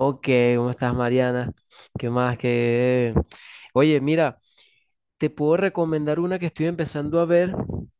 Ok, ¿cómo estás, Mariana? ¿Qué más? Que Oye, mira, te puedo recomendar una que estoy empezando a ver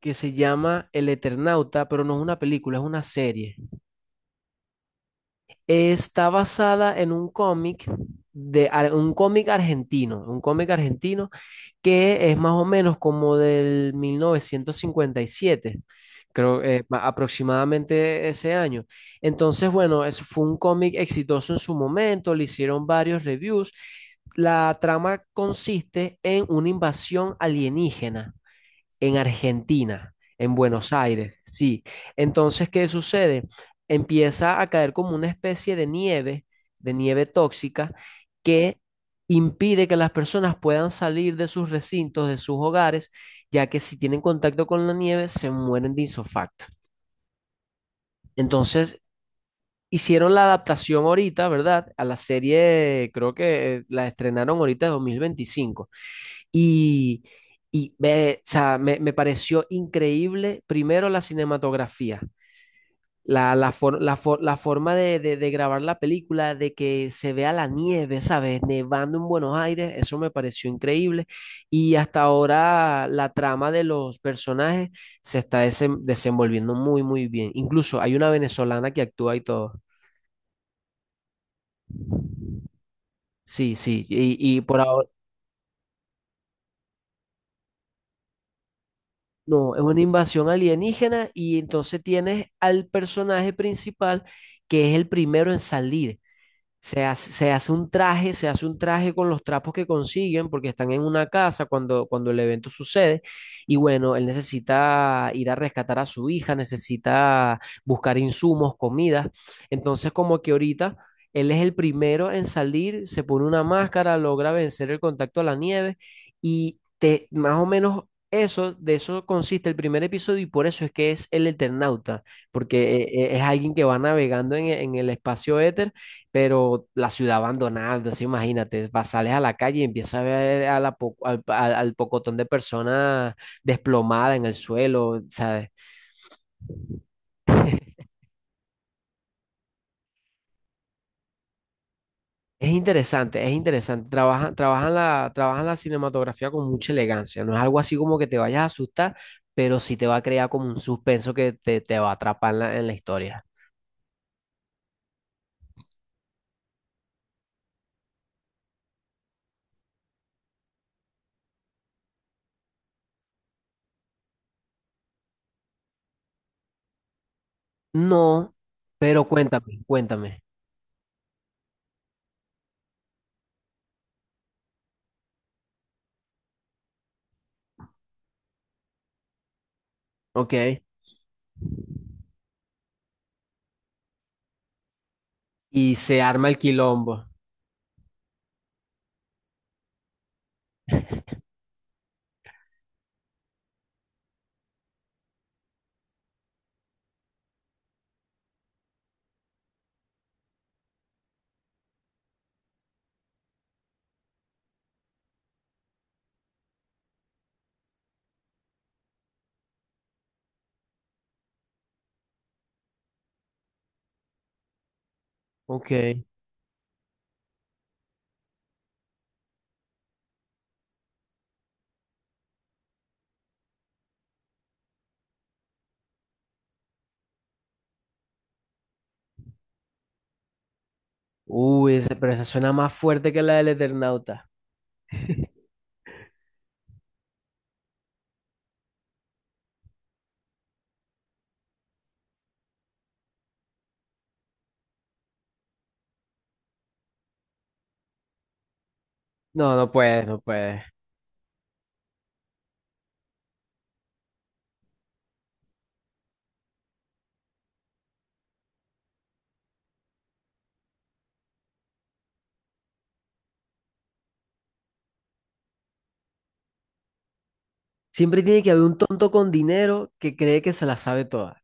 que se llama El Eternauta, pero no es una película, es una serie. Está basada en un cómic un cómic argentino, un cómic argentino. Que es más o menos como del 1957, creo aproximadamente ese año. Entonces, bueno, eso fue un cómic exitoso en su momento, le hicieron varios reviews. La trama consiste en una invasión alienígena en Argentina, en Buenos Aires, sí. Entonces, ¿qué sucede? Empieza a caer como una especie de nieve tóxica, que impide que las personas puedan salir de sus recintos, de sus hogares, ya que si tienen contacto con la nieve, se mueren de isofacto. Entonces, hicieron la adaptación ahorita, ¿verdad? A la serie, creo que la estrenaron ahorita de 2025. Y, y ve, o sea, me pareció increíble, primero la cinematografía, la forma de grabar la película, de que se vea la nieve, ¿sabes? Nevando en Buenos Aires, eso me pareció increíble. Y hasta ahora la trama de los personajes se está desenvolviendo muy, muy bien. Incluso hay una venezolana que actúa y todo. Sí, sí, y por ahora... No, es una invasión alienígena y entonces tienes al personaje principal que es el primero en salir. Se hace un traje, se hace un traje con los trapos que consiguen porque están en una casa cuando el evento sucede. Y bueno, él necesita ir a rescatar a su hija, necesita buscar insumos, comida. Entonces, como que ahorita él es el primero en salir, se pone una máscara, logra vencer el contacto a la nieve más o menos eso, de eso consiste el primer episodio y por eso es que es el Eternauta, porque es alguien que va navegando en el espacio éter. Pero la ciudad abandonada, sí, imagínate, vas, sales a la calle y empiezas a ver a la po- al, al- al pocotón de personas desplomadas en el suelo, ¿sabes? Es interesante, es interesante. Trabajan la cinematografía con mucha elegancia. No es algo así como que te vayas a asustar, pero sí te va a crear como un suspenso te va a atrapar en en la historia. No, pero cuéntame, cuéntame. Ok. Y se arma el quilombo. Ok. Uy, pero esa suena más fuerte que la del Eternauta. No, no puedes, no puedes. Siempre tiene que haber un tonto con dinero que cree que se la sabe toda.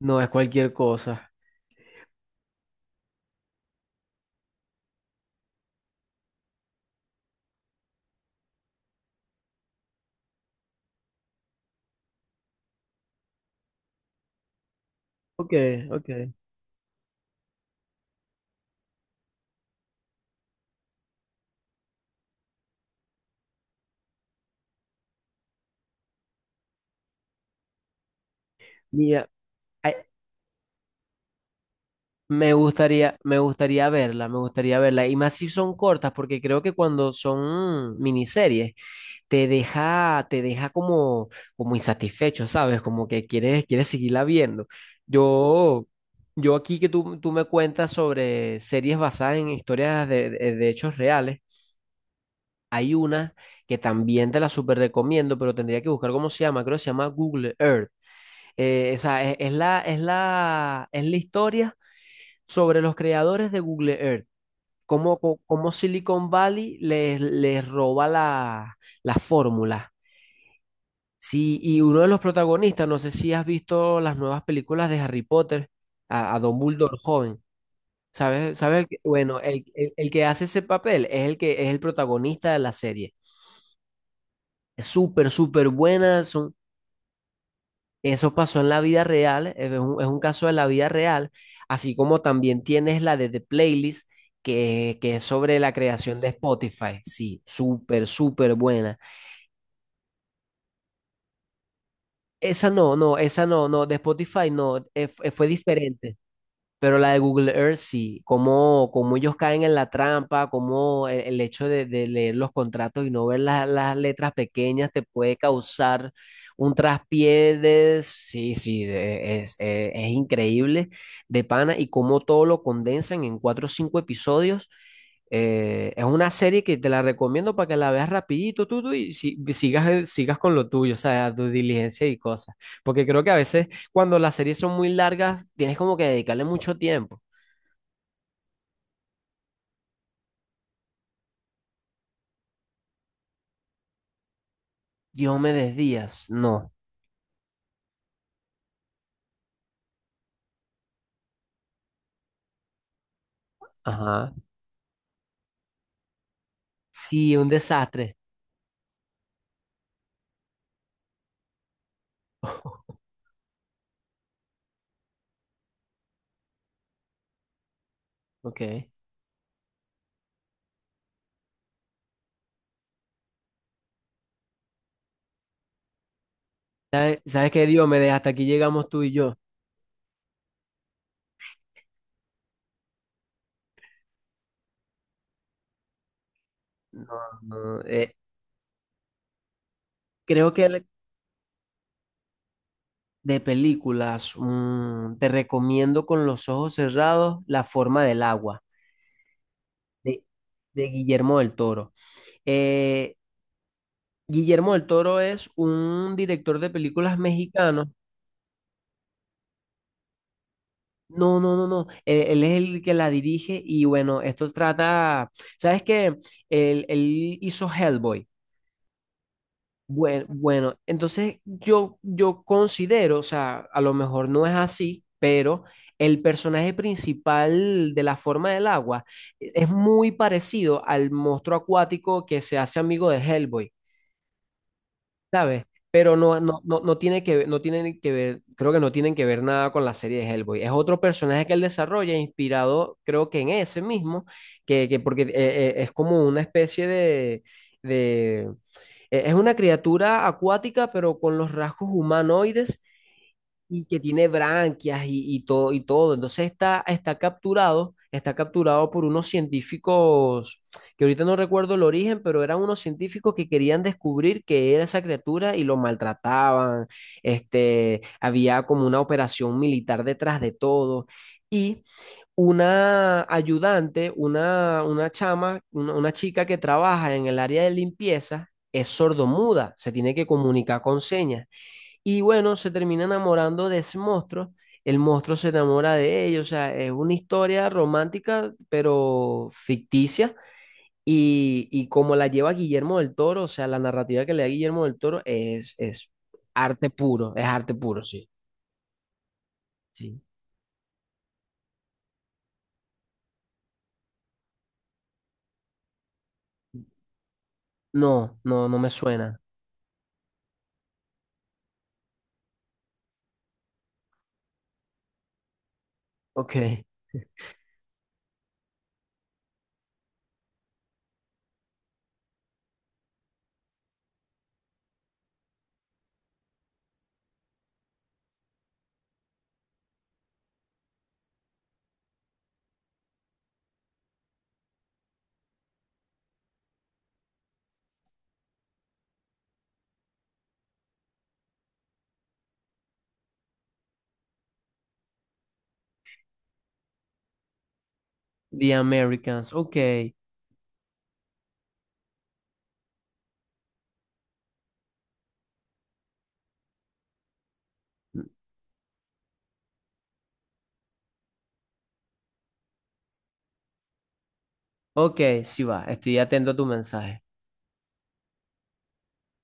No es cualquier cosa. Ok, ok. Mira, ay, me gustaría verla, me gustaría verla. Y más si son cortas, porque creo que cuando son miniseries, te deja como, como insatisfecho, ¿sabes? Como que quieres, quieres seguirla viendo. Yo, yo aquí que tú me cuentas sobre series basadas en historias de hechos reales. Hay una que también te la súper recomiendo, pero tendría que buscar cómo se llama. Creo que se llama Google Earth. Esa es la historia sobre los creadores de Google Earth. Cómo Silicon Valley les roba la fórmula. Sí, y uno de los protagonistas, no sé si has visto las nuevas películas de Harry Potter, a Dumbledore joven. ¿Sabes? ¿Sabes? Bueno, el que hace ese papel es el que es el protagonista de la serie. Es súper, súper buena. Son eso pasó en la vida real, es un caso de la vida real, así como también tienes la de The Playlist, que es sobre la creación de Spotify. Sí, súper, súper buena. Esa no, no, de Spotify no, fue diferente. Pero la de Google Earth sí, cómo, cómo ellos caen en la trampa, cómo el hecho de leer los contratos y no ver las letras pequeñas te puede causar un traspié de... Sí, sí, es increíble de pana y cómo todo lo condensan en cuatro o cinco episodios. Eh, es una serie que te la recomiendo para que la veas rapidito y sigas, sigas con lo tuyo, o sea, tu diligencia y cosas. Porque creo que a veces cuando las series son muy largas, tienes como que dedicarle mucho tiempo. Diomedes Díaz, no. Ajá. Sí, un desastre. Ok. ¿Sabes, sabes qué, Diomedes? Hasta aquí llegamos tú y yo. No, no, creo que de películas, mm, te recomiendo con los ojos cerrados La forma del agua. de, de Guillermo del Toro. Eh, Guillermo del Toro es un director de películas mexicano. No, no, no, no. Él es el que la dirige y bueno, esto trata, ¿sabes qué? Él hizo Hellboy. Bueno, bueno, entonces yo considero, o sea, a lo mejor no es así, pero el personaje principal de la forma del agua es muy parecido al monstruo acuático que se hace amigo de Hellboy. ¿Sabes? Pero no, no, no, no tiene que ver, no tienen que ver, creo que no tienen que ver nada con la serie de Hellboy. Es otro personaje que él desarrolla, inspirado, creo que en ese mismo, que porque es como una especie de- es una criatura acuática, pero con los rasgos humanoides y que tiene branquias y todo, y todo. Entonces está, está capturado por unos científicos, que ahorita no recuerdo el origen, pero eran unos científicos que querían descubrir qué era esa criatura y lo maltrataban. Este, había como una operación militar detrás de todo. Y una ayudante, una chama, una chica que trabaja en el área de limpieza, es sordomuda, se tiene que comunicar con señas. Y bueno, se termina enamorando de ese monstruo. El monstruo se enamora de ellos. O sea, es una historia romántica, pero ficticia. Y como la lleva Guillermo del Toro, o sea, la narrativa que le da Guillermo del Toro es arte puro. Es arte puro, sí. Sí. No, no, no me suena. Ok. The Americans. Ok. Ok, sí va. Estoy atento a tu mensaje.